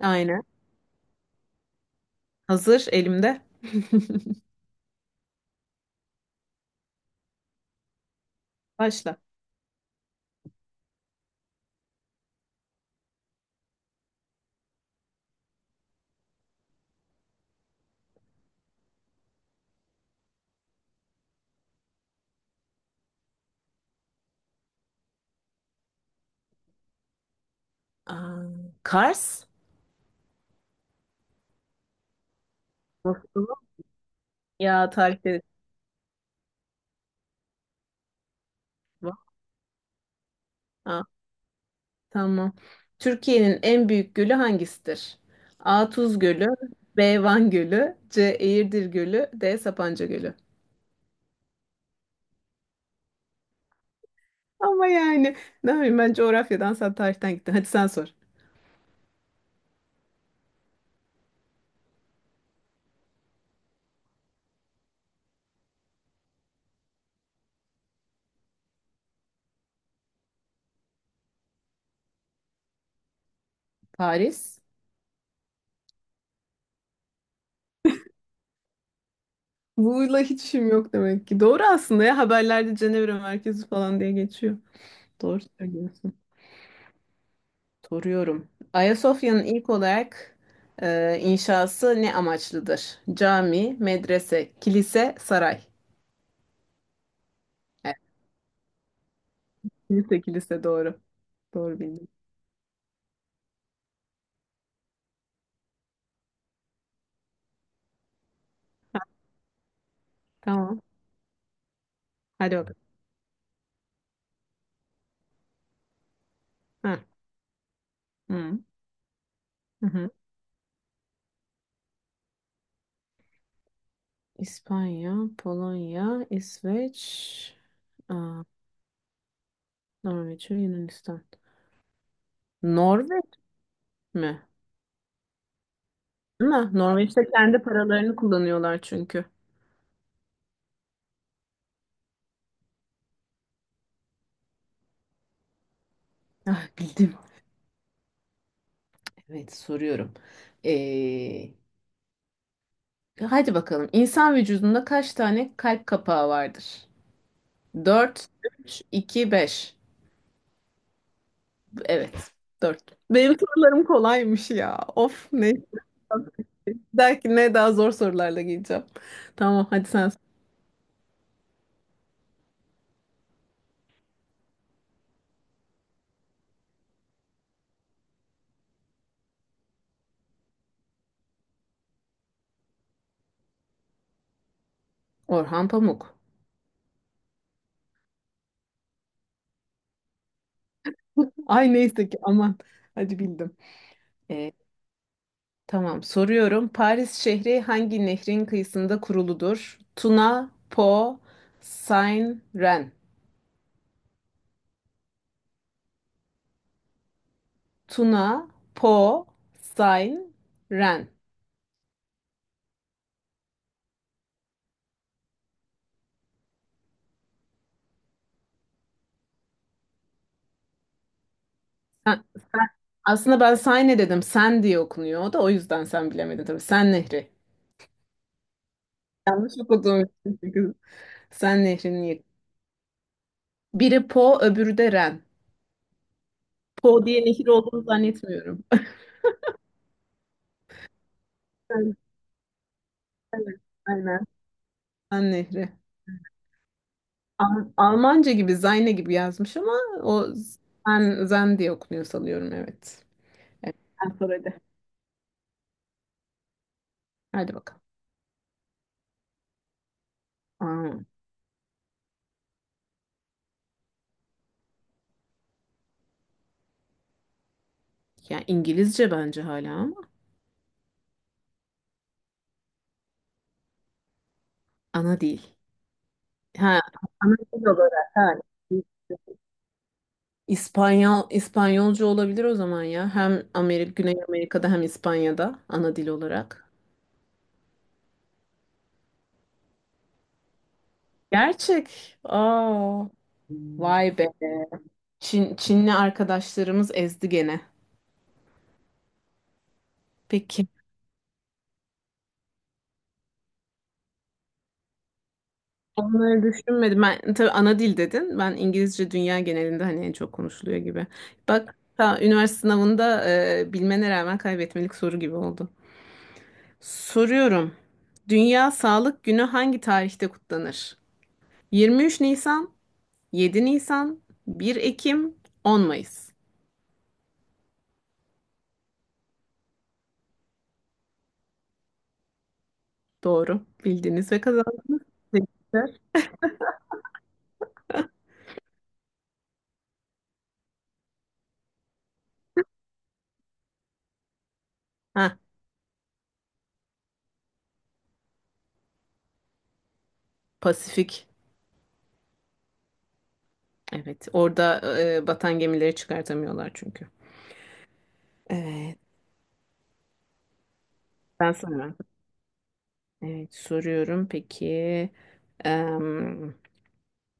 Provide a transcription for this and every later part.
Aynen. Hazır elimde. Başla. Aa, Kars. Nasıl? Ya tarifleri var. Aa, tamam. Türkiye'nin en büyük gölü hangisidir? A. Tuz Gölü. B. Van Gölü. C. Eğirdir Gölü. D. Sapanca Gölü. Ama yani ne bileyim, ben coğrafyadan sen tarihten gittin. Hadi sen sor. Paris. Bu'yla hiç işim yok demek ki. Doğru aslında, ya haberlerde Cenevre merkezi falan diye geçiyor. Doğru söylüyorsun. Soruyorum. Ayasofya'nın ilk olarak inşası ne amaçlıdır? Cami, medrese, kilise, saray. Evet, kilise, kilise doğru. Doğru bildim. Tamam. Hadi bakalım. Ha. Hı. Hı hı. İspanya, Polonya, İsveç, aa, Norveç ve Yunanistan. Norveç mi? Ama Norveç'te kendi paralarını kullanıyorlar çünkü. Ah, bildim. Evet, soruyorum. Ee, Hadi bakalım. İnsan vücudunda kaç tane kalp kapağı vardır? 4, 3, 2, 5. Evet, dört. Benim sorularım kolaymış ya. Of ne. Belki ne daha zor sorularla geleceğim. Tamam, hadi sen sor. Orhan Pamuk. Ay neyse ki aman. Hadi bildim. Ee, tamam, soruyorum. Paris şehri hangi nehrin kıyısında kuruludur? Tuna, Po, Seine, Ren. Tuna, Po, Seine, Ren. Sen- sen- aslında ben Sayne dedim. Sen diye okunuyor. O da o yüzden sen bilemedin tabii. Sen Nehri. Yanlış okuduğum için, çünkü Sen Nehri'nin yeri. Biri Po, öbürü de Ren. Po diye nehir olduğunu zannetmiyorum. Evet, evet, aynen. Sen Nehri. Almanca gibi, Zayne gibi yazmış, ama o Zen, Zen diye okunuyor sanıyorum. Evet. Evet. Sen sor hadi. Hadi bakalım. Aa, ya İngilizce bence hala, ama ana değil. Ha, ana dil olarak. Ha. İspanyolca olabilir o zaman ya. Hem Amerika, Güney Amerika'da, hem İspanya'da ana dil olarak. Gerçek. Aa, vay be. Çinli arkadaşlarımız ezdi gene. Peki. Onları düşünmedim. Ben tabii ana dil dedin. Ben İngilizce dünya genelinde hani en çok konuşuluyor gibi. Bak, ta üniversite sınavında bilmene rağmen kaybetmelik soru gibi oldu. Soruyorum. Dünya Sağlık Günü hangi tarihte kutlanır? 23 Nisan, 7 Nisan, 1 Ekim, 10 Mayıs. Doğru. Bildiniz ve kazandınız. Tebrikler. Ha, Pasifik. Evet. Orada batan gemileri çıkartamıyorlar çünkü. Evet. Ben sana. Evet, soruyorum. Peki. em,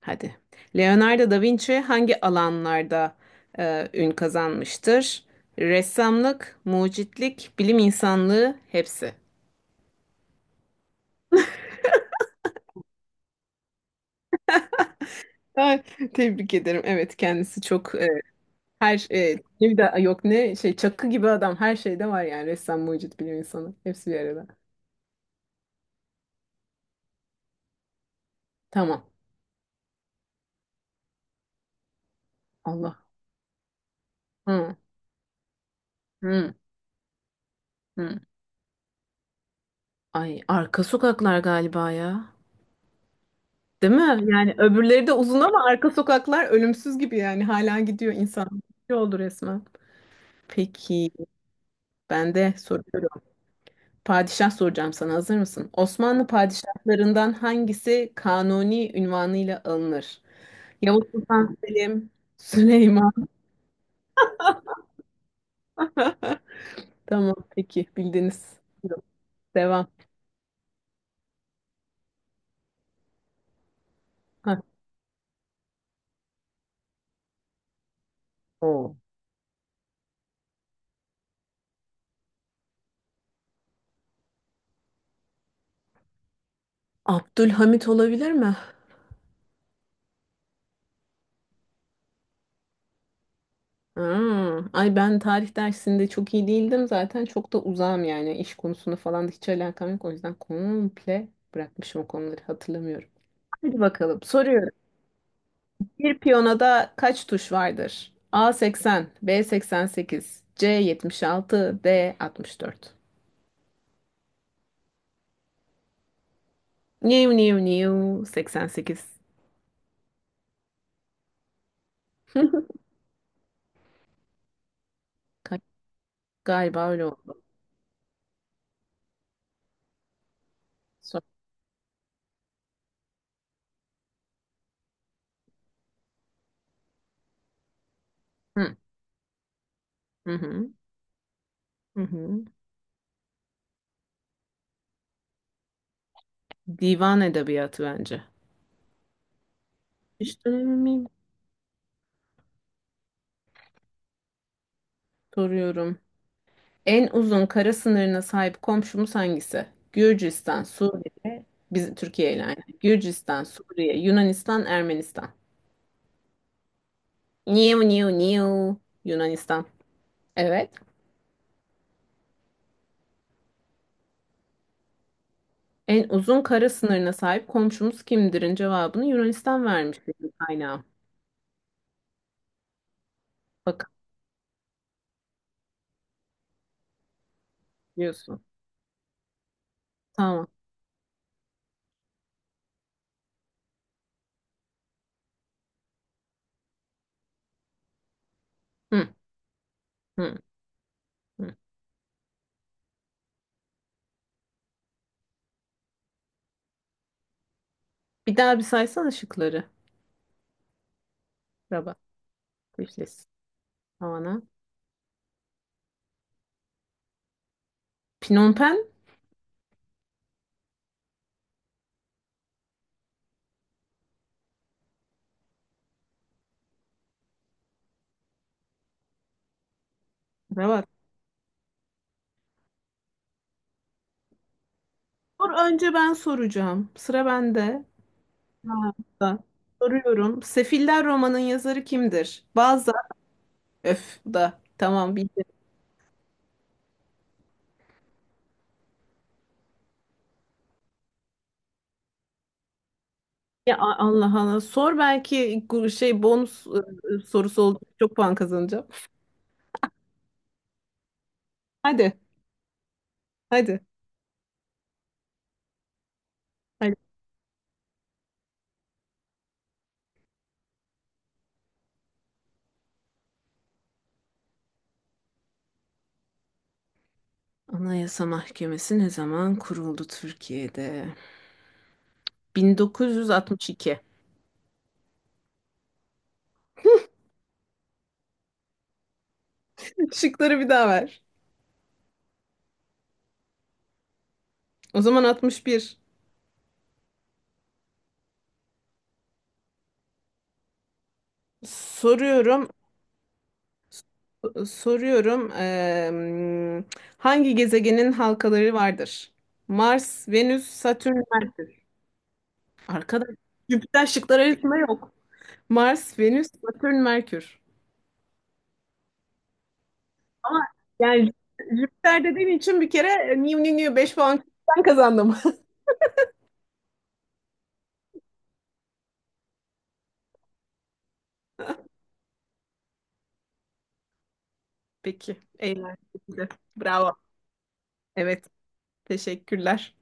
hadi. Leonardo da Vinci hangi alanlarda ün kazanmıştır? Ressamlık, mucitlik, bilim insanlığı, hepsi. Ay, tebrik ederim. Evet, kendisi çok. Her bir de yok, ne şey, çakı gibi adam, her şeyde var yani ressam, mucit, bilim insanı hepsi bir arada. Tamam. Allah. Hı, hı, hı. Ay, arka sokaklar galiba ya. Değil mi? Yani öbürleri de uzun, ama arka sokaklar ölümsüz gibi, yani hala gidiyor insan. Ne oldu resmen. Peki, ben de soruyorum. Padişah soracağım, sana hazır mısın? Osmanlı padişahlarından hangisi kanuni ünvanıyla alınır? Yavuz Sultan Selim, Süleyman. Tamam peki, bildiniz. Devam. Heh. Oo. Abdülhamit olabilir mi? Hmm. Ay ben tarih dersinde çok iyi değildim, zaten çok da uzağım yani iş konusunda falan da hiç alakam yok, o yüzden komple bırakmışım, o konuları hatırlamıyorum. Hadi bakalım, soruyorum. Bir piyonada kaç tuş vardır? A 80, B 88, C 76, D 64. New new new 88. Ka- Galiba öyle oldu. Sor- Hı hı. Hı. Hı hı. Divan edebiyatı bence. İşte emin miyim? Soruyorum. En uzun kara sınırına sahip komşumuz hangisi? Gürcistan, Suriye, bizim Türkiye ile aynı. Gürcistan, Suriye, Yunanistan, Ermenistan. Niu niu niu. Yunanistan. Evet. En uzun kara sınırına sahip komşumuz kimdir'in cevabını Yunanistan vermiş benim kaynağım. Bakın diyorsun. Tamam. Hı, hı, hı. Bir daha bir saysana şıkları. Rabat. Tiflis. Havana. Phnom Penh. Rabat. Dur, önce ben soracağım. Sıra bende. Ha. Da. Soruyorum. Sefiller romanın yazarı kimdir? Bazı öf, da tamam bildim. Ya Allah Allah sor, belki şey bonus sorusu oldu. Çok puan kazanacağım. Hadi hadi. Hadi. Anayasa Mahkemesi ne zaman kuruldu Türkiye'de? 1962. Şıkları bir daha ver. O zaman 61. Soruyorum. Soruyorum, hangi gezegenin halkaları vardır? Mars, Venüs, Satürn, Merkür. Arkadaş, Jüpiter şıklar arasında yok. Mars, Venüs, Satürn, Merkür. Ama yani Jüpiter dediğin için bir kere e, new new new 5 puan ben kazandım. Peki, eğlenceli. Bravo. Evet, teşekkürler.